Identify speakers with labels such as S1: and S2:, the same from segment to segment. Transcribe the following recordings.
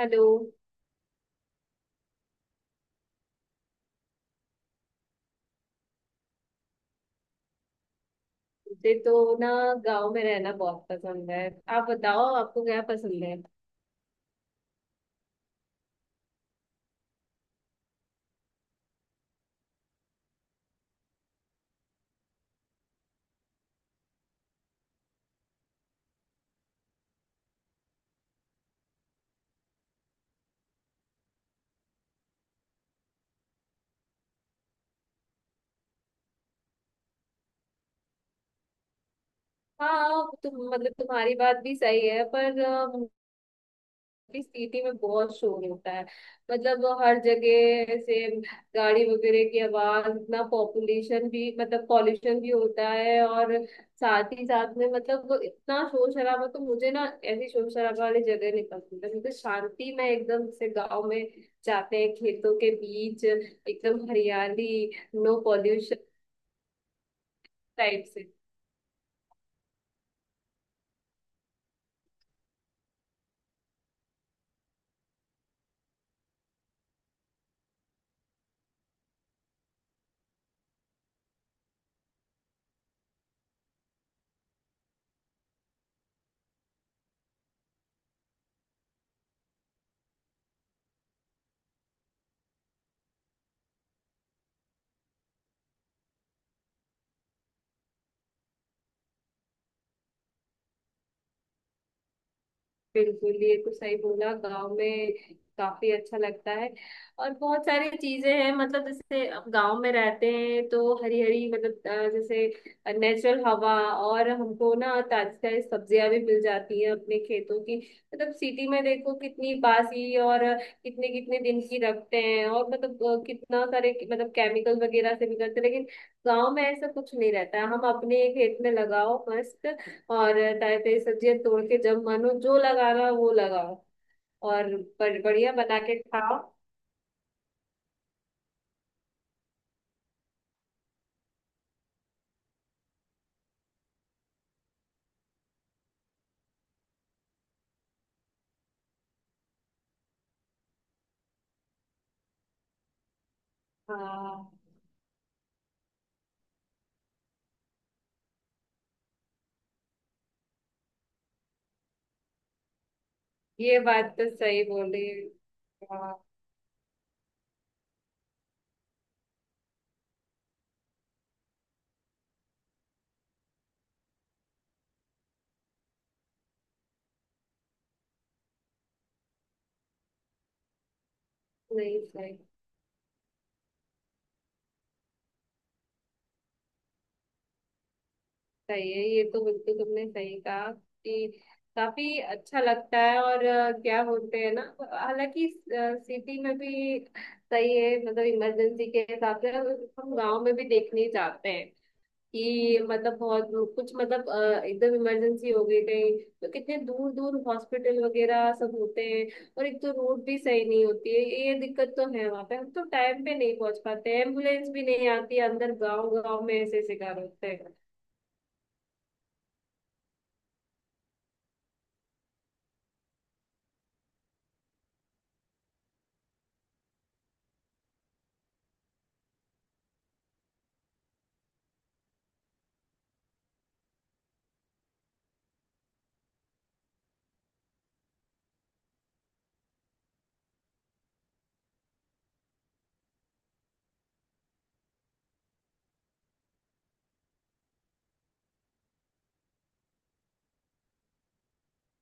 S1: Hello. मुझे तो ना गांव में रहना बहुत पसंद है। आप बताओ, आपको क्या पसंद है? हाँ, तुम्हारी बात भी सही है, पर भी सिटी में बहुत शोर होता है। मतलब वो हर जगह ऐसे गाड़ी वगैरह की आवाज, इतना पॉपुलेशन भी, मतलब पॉल्यूशन भी होता है, और साथ ही साथ में मतलब वो इतना शोर शराबा, तो मुझे ना ऐसी शोर शराबा वाली जगह नहीं पसंद है। मुझे शांति में एकदम से गाँव में जाते हैं, खेतों के बीच एकदम हरियाली, नो पॉल्यूशन टाइप से। बिल्कुल, ये तो सही बोला, गांव में काफी अच्छा लगता है। और बहुत सारी चीजें हैं, मतलब जैसे अब गांव में रहते हैं तो हरी हरी मतलब जैसे नेचुरल हवा, और हमको ना ताजी ताजी सब्जियां भी मिल जाती हैं अपने खेतों की। मतलब सिटी में देखो कितनी बासी, और कितने कितने दिन की रखते हैं, और मतलब कितना सारे मतलब केमिकल वगैरह से भी करते हैं, लेकिन गांव में ऐसा कुछ नहीं रहता है। हम अपने खेत में लगाओ मस्त, और ताजे ताजे सब्जियां तोड़ के, जब मन हो जो लगाना हो, वो लगाओ और बढ़िया बना के खाओ। हाँ, ये बात तो सही बोली। हाँ, नहीं, सही। सही है, ये तो बिल्कुल तुमने सही कहा कि काफी अच्छा लगता है। और क्या बोलते हैं ना, हालांकि सिटी में भी सही है, मतलब इमरजेंसी के हिसाब से हम गांव में भी देखने जाते हैं कि मतलब बहुत कुछ मतलब एकदम इमरजेंसी हो गई कहीं, तो कितने दूर दूर हॉस्पिटल वगैरह सब होते हैं। और एक तो रोड भी सही नहीं होती है, ये दिक्कत तो है वहां पे, हम तो टाइम पे नहीं पहुंच पाते हैं। एम्बुलेंस भी नहीं आती अंदर गांव, गांव में ऐसे ऐसे कार होते हैं।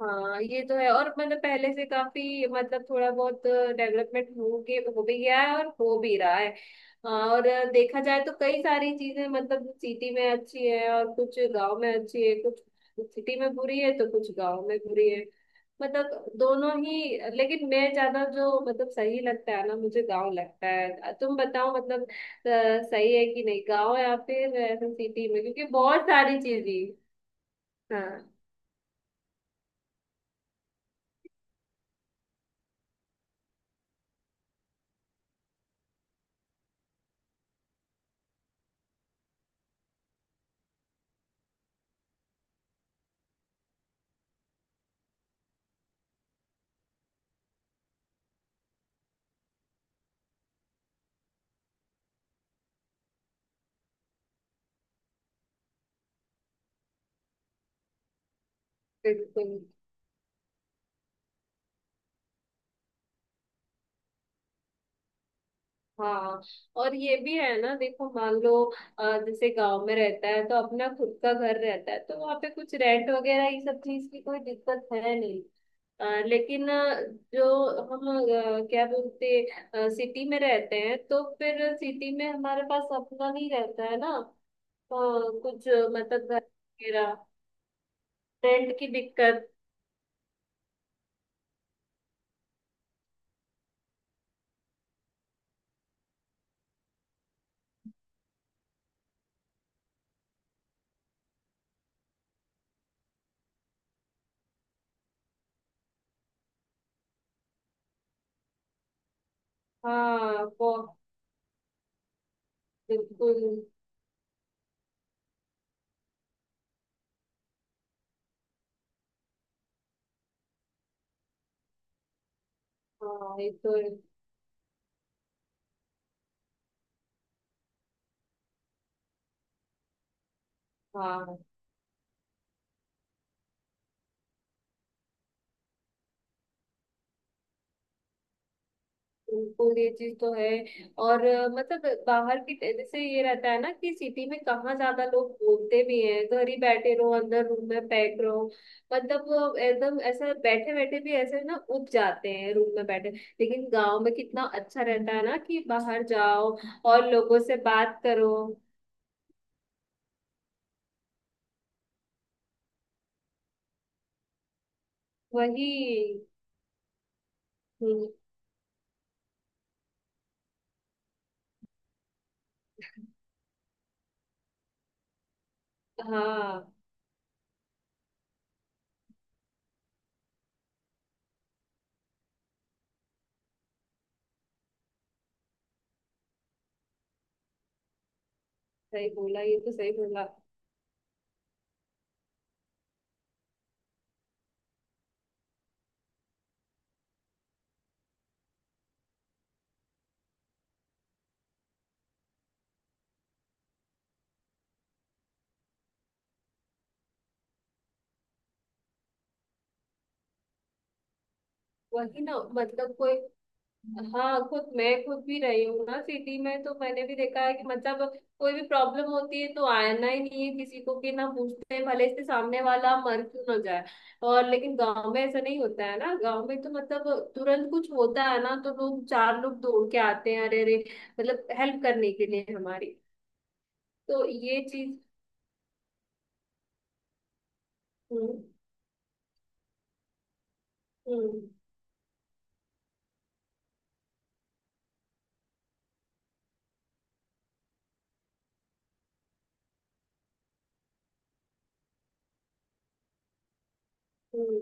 S1: हाँ, ये तो है। और मतलब पहले से काफी मतलब थोड़ा बहुत डेवलपमेंट हो गया, हो भी गया है और हो भी रहा है। हाँ, और देखा जाए तो कई सारी चीजें, मतलब सिटी में अच्छी है और कुछ गांव में अच्छी है, कुछ सिटी में बुरी है तो कुछ गांव में बुरी है। मतलब दोनों ही, लेकिन मैं ज्यादा जो मतलब सही लगता है ना, मुझे गांव लगता है। तुम बताओ मतलब सही है कि नहीं गांव, या फिर ऐसे सिटी में, क्योंकि बहुत सारी चीजें। हाँ, बिल्कुल। हाँ, और ये भी है ना, देखो मान लो जैसे गांव में रहता है तो अपना खुद का घर रहता है, तो वहाँ पे कुछ रेंट वगैरह ये सब चीज की कोई दिक्कत है नहीं। लेकिन जो हम क्या बोलते, सिटी में रहते हैं तो फिर सिटी में हमारे पास अपना नहीं रहता है ना, कुछ मतलब घर वगैरह। रेंट की दिक्कत। हाँ वो बिल्कुल। हाँ, ये तो है। हाँ बिल्कुल, ये चीज तो है। और मतलब बाहर की जैसे ये रहता है ना कि सिटी में कहाँ, ज्यादा लोग बोलते भी हैं घर ही बैठे रहो, अंदर रूम में पैक रहो। मतलब वो एकदम ऐसा बैठे बैठे भी ऐसे ना उब जाते हैं रूम में बैठे। लेकिन गांव में कितना अच्छा रहता है ना कि बाहर जाओ और लोगों से बात करो। वही। हम्म। हाँ, सही बोला, ये तो सही बोला। वही ना, मतलब कोई, हाँ, खुद मैं खुद भी रही हूँ ना सिटी में, तो मैंने भी देखा है कि मतलब कोई भी प्रॉब्लम होती है तो आना ही नहीं है किसी को, कि ना पूछते हैं, भले से सामने वाला मर क्यों ना जाए। और लेकिन गांव में ऐसा नहीं होता है ना, गांव में तो मतलब तुरंत कुछ होता है ना तो लोग, चार लोग दौड़ के आते हैं, अरे अरे, मतलब हेल्प करने के लिए हमारी। तो ये चीज। हम्म। हम्म। हम्म।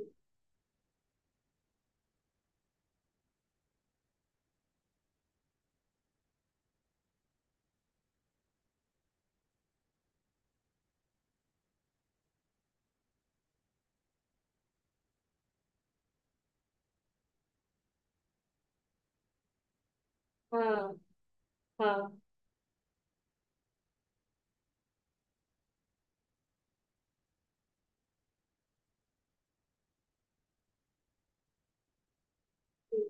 S1: हाँ, हाँ। हम्म।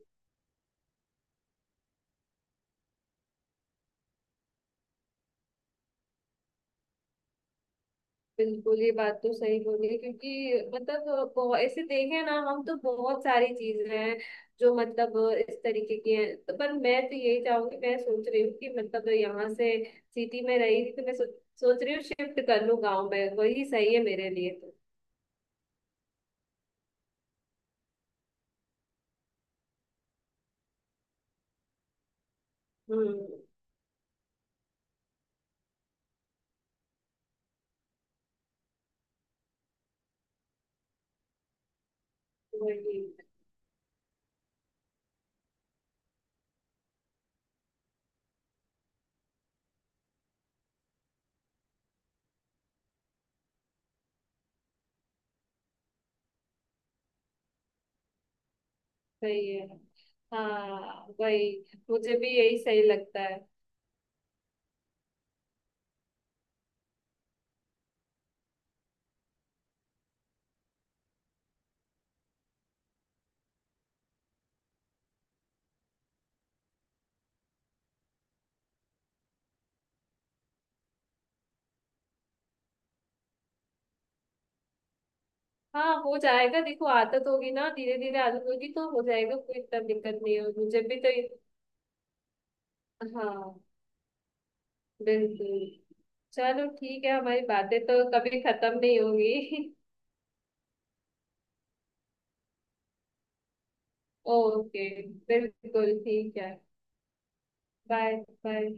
S1: बिल्कुल, ये बात तो सही बोली है, क्योंकि मतलब बहुत ऐसे देखें ना हम तो, बहुत सारी चीजें हैं जो मतलब इस तरीके की हैं। तो पर मैं तो यही चाहूंगी, मैं सोच रही हूँ कि मतलब यहाँ से सिटी में रही थी तो सोच रही हूँ शिफ्ट कर लूँ गाँव में, वही सही है मेरे लिए तो। हम्म, वही सही है। हाँ वही, मुझे भी यही सही लगता है। हाँ, हो जाएगा, देखो आदत होगी ना, धीरे धीरे आदत होगी तो हो जाएगा, कोई इतना दिक्कत नहीं है। और मुझे भी तो हाँ, बिल्कुल। चलो ठीक है, हमारी बातें तो कभी खत्म नहीं होंगी। ओके, बिल्कुल ठीक है। बाय। बाय।